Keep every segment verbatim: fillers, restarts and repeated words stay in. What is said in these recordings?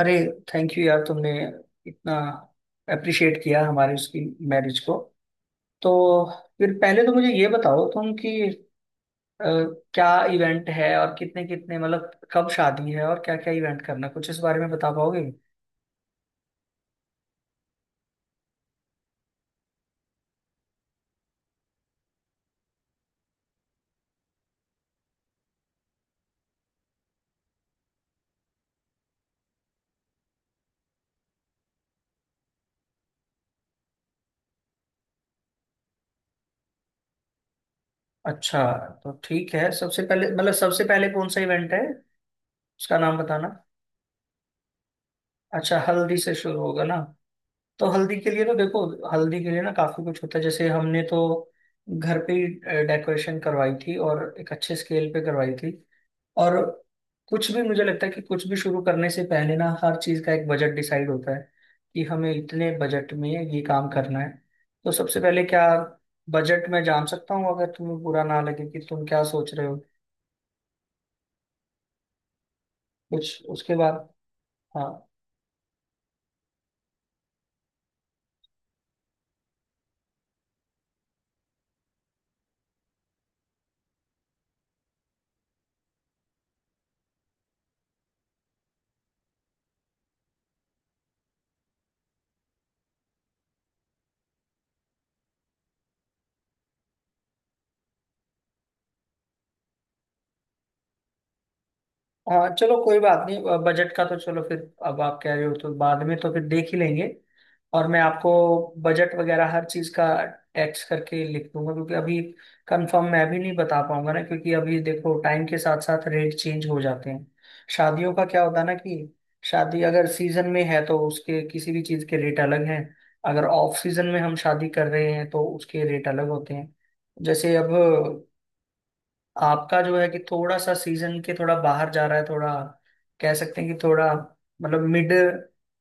अरे, thank you यार, तुमने इतना अप्रिशिएट किया हमारी उसकी मैरिज को। तो फिर पहले तो मुझे ये बताओ तुम कि अ, क्या इवेंट है और कितने कितने मतलब कब शादी है और क्या क्या इवेंट करना है? कुछ इस बारे में बता पाओगे। अच्छा, तो ठीक है, सबसे पहले मतलब सबसे पहले कौन सा इवेंट है उसका नाम बताना। अच्छा, हल्दी से शुरू होगा ना। तो हल्दी के लिए तो देखो, हल्दी के लिए ना काफी कुछ होता है। जैसे हमने तो घर पे ही डेकोरेशन करवाई थी और एक अच्छे स्केल पे करवाई थी। और कुछ भी, मुझे लगता है कि कुछ भी शुरू करने से पहले ना हर चीज का एक बजट डिसाइड होता है कि हमें इतने बजट में ये काम करना है। तो सबसे पहले क्या बजट मैं जान सकता हूँ, अगर तुम्हें बुरा ना लगे, कि तुम क्या सोच रहे हो कुछ उसके बाद। हाँ हाँ, चलो कोई बात नहीं, बजट का तो चलो फिर, अब आप कह रहे हो तो बाद में तो फिर देख ही लेंगे। और मैं आपको बजट वगैरह हर चीज़ का टैक्स करके लिख दूंगा क्योंकि अभी कंफर्म मैं भी नहीं बता पाऊंगा ना, क्योंकि अभी देखो टाइम के साथ साथ रेट चेंज हो जाते हैं। शादियों का क्या होता है ना कि शादी अगर सीजन में है तो उसके किसी भी चीज़ के रेट अलग हैं। अगर ऑफ सीजन में हम शादी कर रहे हैं तो उसके रेट अलग होते हैं। जैसे अब आपका जो है कि थोड़ा सा सीजन के थोड़ा बाहर जा रहा है, थोड़ा कह सकते हैं कि थोड़ा मतलब मिड,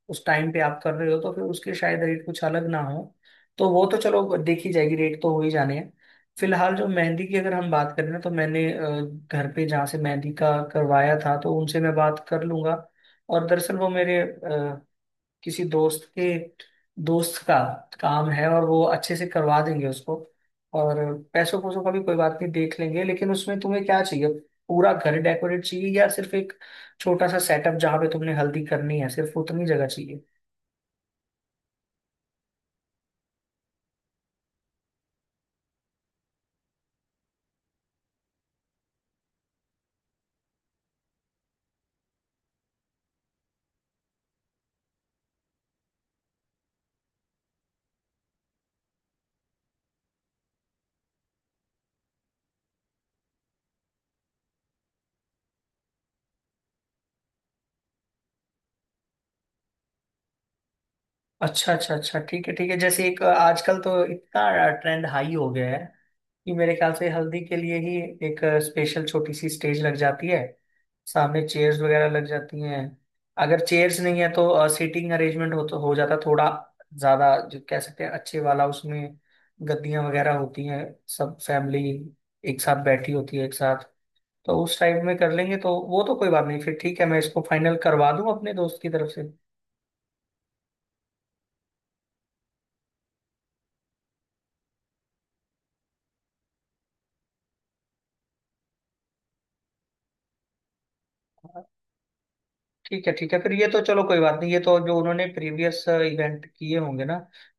उस टाइम पे आप कर रहे हो तो फिर उसके शायद रेट कुछ अलग ना हो। तो वो तो चलो देखी जाएगी, रेट तो हो ही जाने हैं। फिलहाल जो मेहंदी की अगर हम बात करें ना, तो मैंने अ, घर पे जहाँ से मेहंदी का करवाया था तो उनसे मैं बात कर लूंगा। और दरअसल वो मेरे किसी दोस्त के दोस्त का काम है और वो अच्छे से करवा देंगे उसको। और पैसों पैसों का भी कोई बात नहीं, देख लेंगे, लेकिन उसमें तुम्हें क्या चाहिए? पूरा घर डेकोरेट चाहिए या सिर्फ एक छोटा सा सेटअप जहाँ पे तुमने हल्दी करनी है, सिर्फ उतनी जगह चाहिए? अच्छा अच्छा अच्छा, ठीक है ठीक है, जैसे एक आजकल तो इतना ट्रेंड हाई हो गया है कि मेरे ख्याल से हल्दी के लिए ही एक स्पेशल छोटी सी स्टेज लग जाती है। सामने चेयर्स वगैरह लग जाती हैं। अगर चेयर्स नहीं है तो सीटिंग अरेंजमेंट हो तो हो जाता, थोड़ा ज़्यादा जो कह सकते हैं अच्छे वाला, उसमें गद्दियाँ वगैरह होती हैं। सब फैमिली एक साथ बैठी होती है, एक साथ। तो उस टाइप में कर लेंगे तो वो तो कोई बात नहीं, फिर ठीक है, मैं इसको फाइनल करवा दूं अपने दोस्त की तरफ से। ठीक है ठीक है, फिर ये तो चलो कोई बात नहीं, ये तो जो उन्होंने प्रीवियस इवेंट किए होंगे ना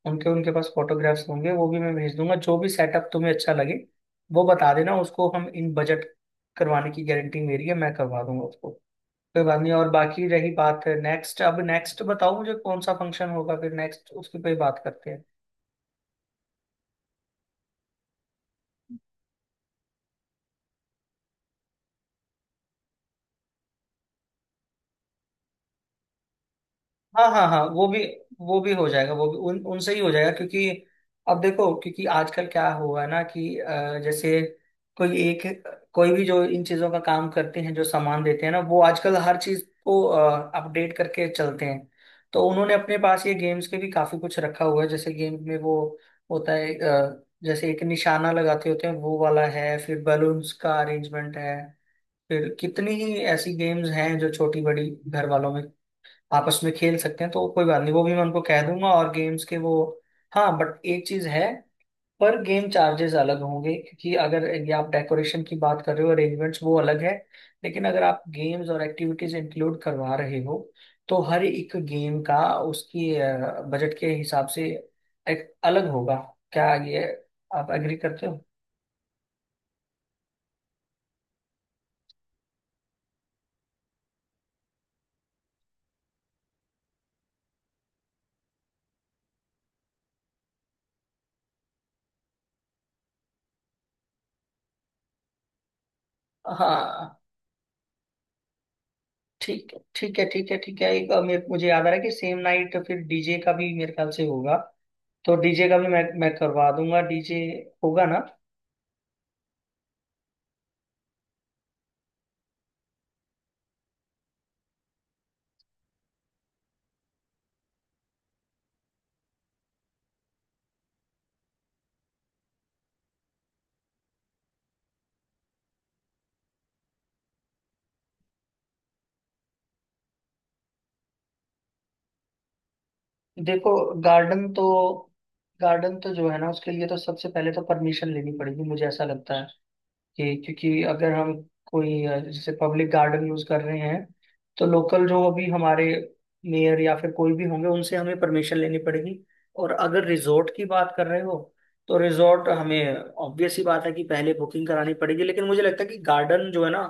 उनके उनके पास फोटोग्राफ्स होंगे, वो भी मैं भेज दूंगा। जो भी सेटअप तुम्हें अच्छा लगे वो बता देना, उसको हम इन बजट करवाने की गारंटी मेरी है, मैं करवा दूंगा उसको, कोई बात नहीं। और बाकी रही बात नेक्स्ट, अब नेक्स्ट बताओ मुझे कौन सा फंक्शन होगा, फिर नेक्स्ट उसकी पे ही बात करते हैं। हाँ हाँ हाँ, वो भी वो भी हो जाएगा, वो भी उन उनसे ही हो जाएगा, क्योंकि अब देखो, क्योंकि आजकल क्या हुआ है ना कि अ, जैसे कोई एक कोई भी जो इन चीजों का काम करते हैं, जो सामान देते हैं ना, वो आजकल हर चीज को अपडेट करके चलते हैं। तो उन्होंने अपने पास ये गेम्स के भी काफी कुछ रखा हुआ है। जैसे गेम में वो होता है अ, जैसे एक निशाना लगाते होते हैं वो वाला है, फिर बलून्स का अरेंजमेंट है, फिर कितनी ही ऐसी गेम्स हैं जो छोटी बड़ी घर वालों में आपस में खेल सकते हैं। तो कोई बात नहीं, वो भी मैं उनको कह दूंगा, और गेम्स के वो, हाँ बट एक चीज है, पर गेम चार्जेस अलग होंगे। क्योंकि अगर ये आप डेकोरेशन की बात कर रहे हो, अरेंजमेंट्स, वो अलग है। लेकिन अगर आप गेम्स और एक्टिविटीज इंक्लूड करवा रहे हो तो हर एक गेम का, उसकी बजट के हिसाब से, एक अलग होगा। क्या ये आप एग्री करते हो? हाँ, ठीक है ठीक है ठीक है ठीक है, एक अ, मेरे- मुझे याद आ रहा है कि सेम नाइट फिर डीजे का भी मेरे ख्याल से होगा। तो डीजे का भी मैं मैं करवा दूंगा, डीजे होगा ना। देखो, गार्डन तो गार्डन तो जो है ना उसके लिए तो सबसे पहले तो परमिशन लेनी पड़ेगी, मुझे ऐसा लगता है। कि क्योंकि अगर हम कोई अ, जैसे पब्लिक गार्डन यूज कर रहे हैं, तो लोकल जो अभी हमारे मेयर या फिर कोई भी होंगे उनसे हमें परमिशन लेनी पड़ेगी। और अगर रिजॉर्ट की बात कर रहे हो तो रिजॉर्ट, हमें ऑब्वियस ही बात है कि पहले बुकिंग करानी पड़ेगी। लेकिन मुझे लगता है कि गार्डन जो है ना,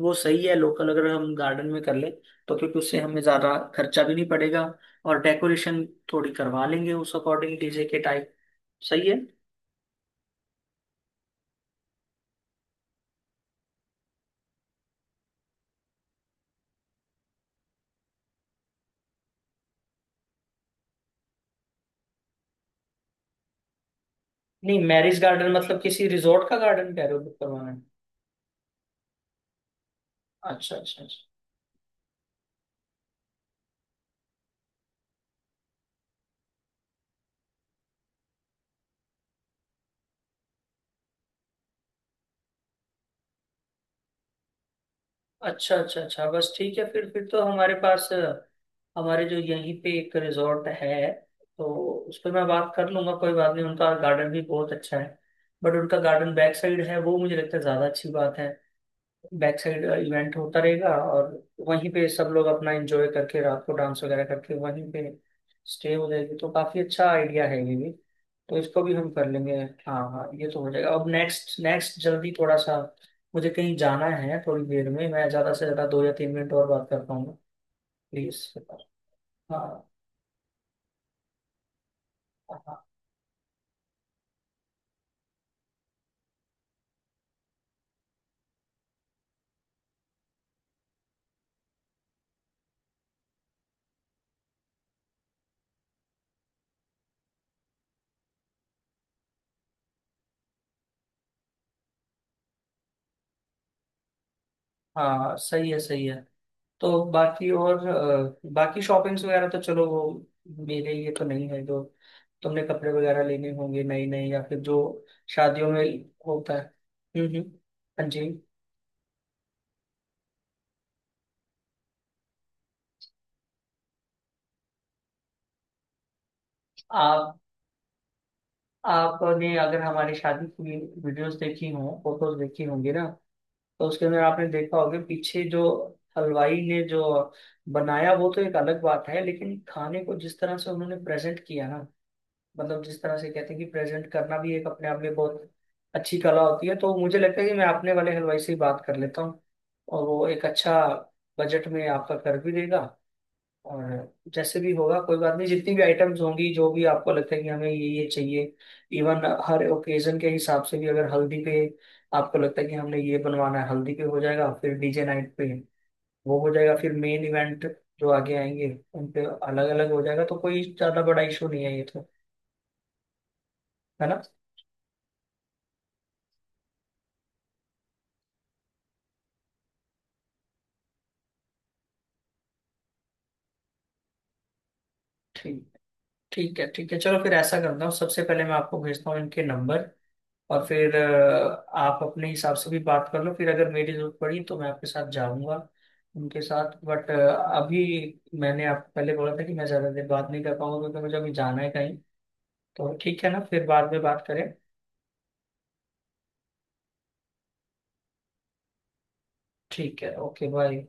वो सही है, लोकल अगर हम गार्डन में कर ले तो, क्योंकि उससे हमें ज्यादा खर्चा भी नहीं पड़ेगा, और डेकोरेशन थोड़ी करवा लेंगे उस अकॉर्डिंग डीजे के टाइप, सही है। नहीं, मैरिज गार्डन मतलब किसी रिजॉर्ट का गार्डन कह रहे हो बुक करवाना है? अच्छा अच्छा अच्छा, अच्छा अच्छा अच्छा, बस ठीक है। फिर फिर तो हमारे पास अ, हमारे जो यहीं पे एक रिजॉर्ट है, तो उस पर मैं बात कर लूंगा, कोई बात नहीं। उनका गार्डन भी बहुत अच्छा है, बट उनका गार्डन बैक साइड है, वो मुझे लगता है ज़्यादा अच्छी बात है। बैक साइड इवेंट होता रहेगा और वहीं पे सब लोग अपना एंजॉय करके रात को डांस वगैरह करके वहीं पे स्टे हो जाएगी, तो काफी अच्छा आइडिया है ये भी, तो इसको भी हम कर लेंगे। हाँ हाँ, ये तो हो जाएगा, अब नेक्स्ट, नेक्स्ट जल्दी थोड़ा सा, मुझे कहीं जाना है थोड़ी देर में। मैं ज्यादा से ज्यादा दो या तीन मिनट और बात कर पाऊंगा, प्लीज। हाँ हाँ हाँ, सही है सही है। तो बाकी और अ, बाकी शॉपिंग्स वगैरह तो चलो वो मेरे लिए तो नहीं है, जो तुमने कपड़े वगैरह लेने होंगे नए नए, या फिर जो शादियों में होता है। हम्म हम्म, हाँ जी। आप आपने अगर हमारी शादी की वीडियोस देखी हों, फोटोज देखी होंगी ना, तो उसके अंदर आपने देखा होगा पीछे जो हलवाई ने जो बनाया, वो तो एक अलग बात है, लेकिन खाने को जिस तरह से उन्होंने प्रेजेंट किया ना, मतलब जिस तरह से कहते हैं कि प्रेजेंट करना भी एक अपने आप में बहुत अच्छी कला होती है। तो मुझे लगता है कि मैं अपने वाले हलवाई से ही बात कर लेता हूँ, और वो एक अच्छा बजट में आपका कर भी देगा। और जैसे भी होगा कोई बात नहीं, जितनी भी आइटम्स होंगी, जो भी आपको लगता है कि हमें ये ये चाहिए, इवन हर ओकेजन के हिसाब से भी, अगर हल्दी पे आपको लगता है कि हमने ये बनवाना है, हल्दी पे हो जाएगा, फिर डीजे नाइट पे वो हो जाएगा, फिर मेन इवेंट जो आगे आएंगे उन पे अलग अलग हो जाएगा, तो कोई ज्यादा बड़ा इशू नहीं है ये तो, है ना। ठीक, ठीक है ठीक है, चलो फिर ऐसा करता हूँ, सबसे पहले मैं आपको भेजता हूँ इनके नंबर, और फिर अ, आप अपने हिसाब से भी बात कर लो, फिर अगर मेरी जरूरत पड़ी तो मैं आपके साथ जाऊंगा उनके साथ। बट अभी मैंने आपको पहले बोला था कि मैं ज़्यादा देर बात नहीं कर पाऊंगा क्योंकि मुझे अभी जाना है कहीं, तो ठीक है ना, फिर बाद में बात करें। ठीक है, ओके बाय।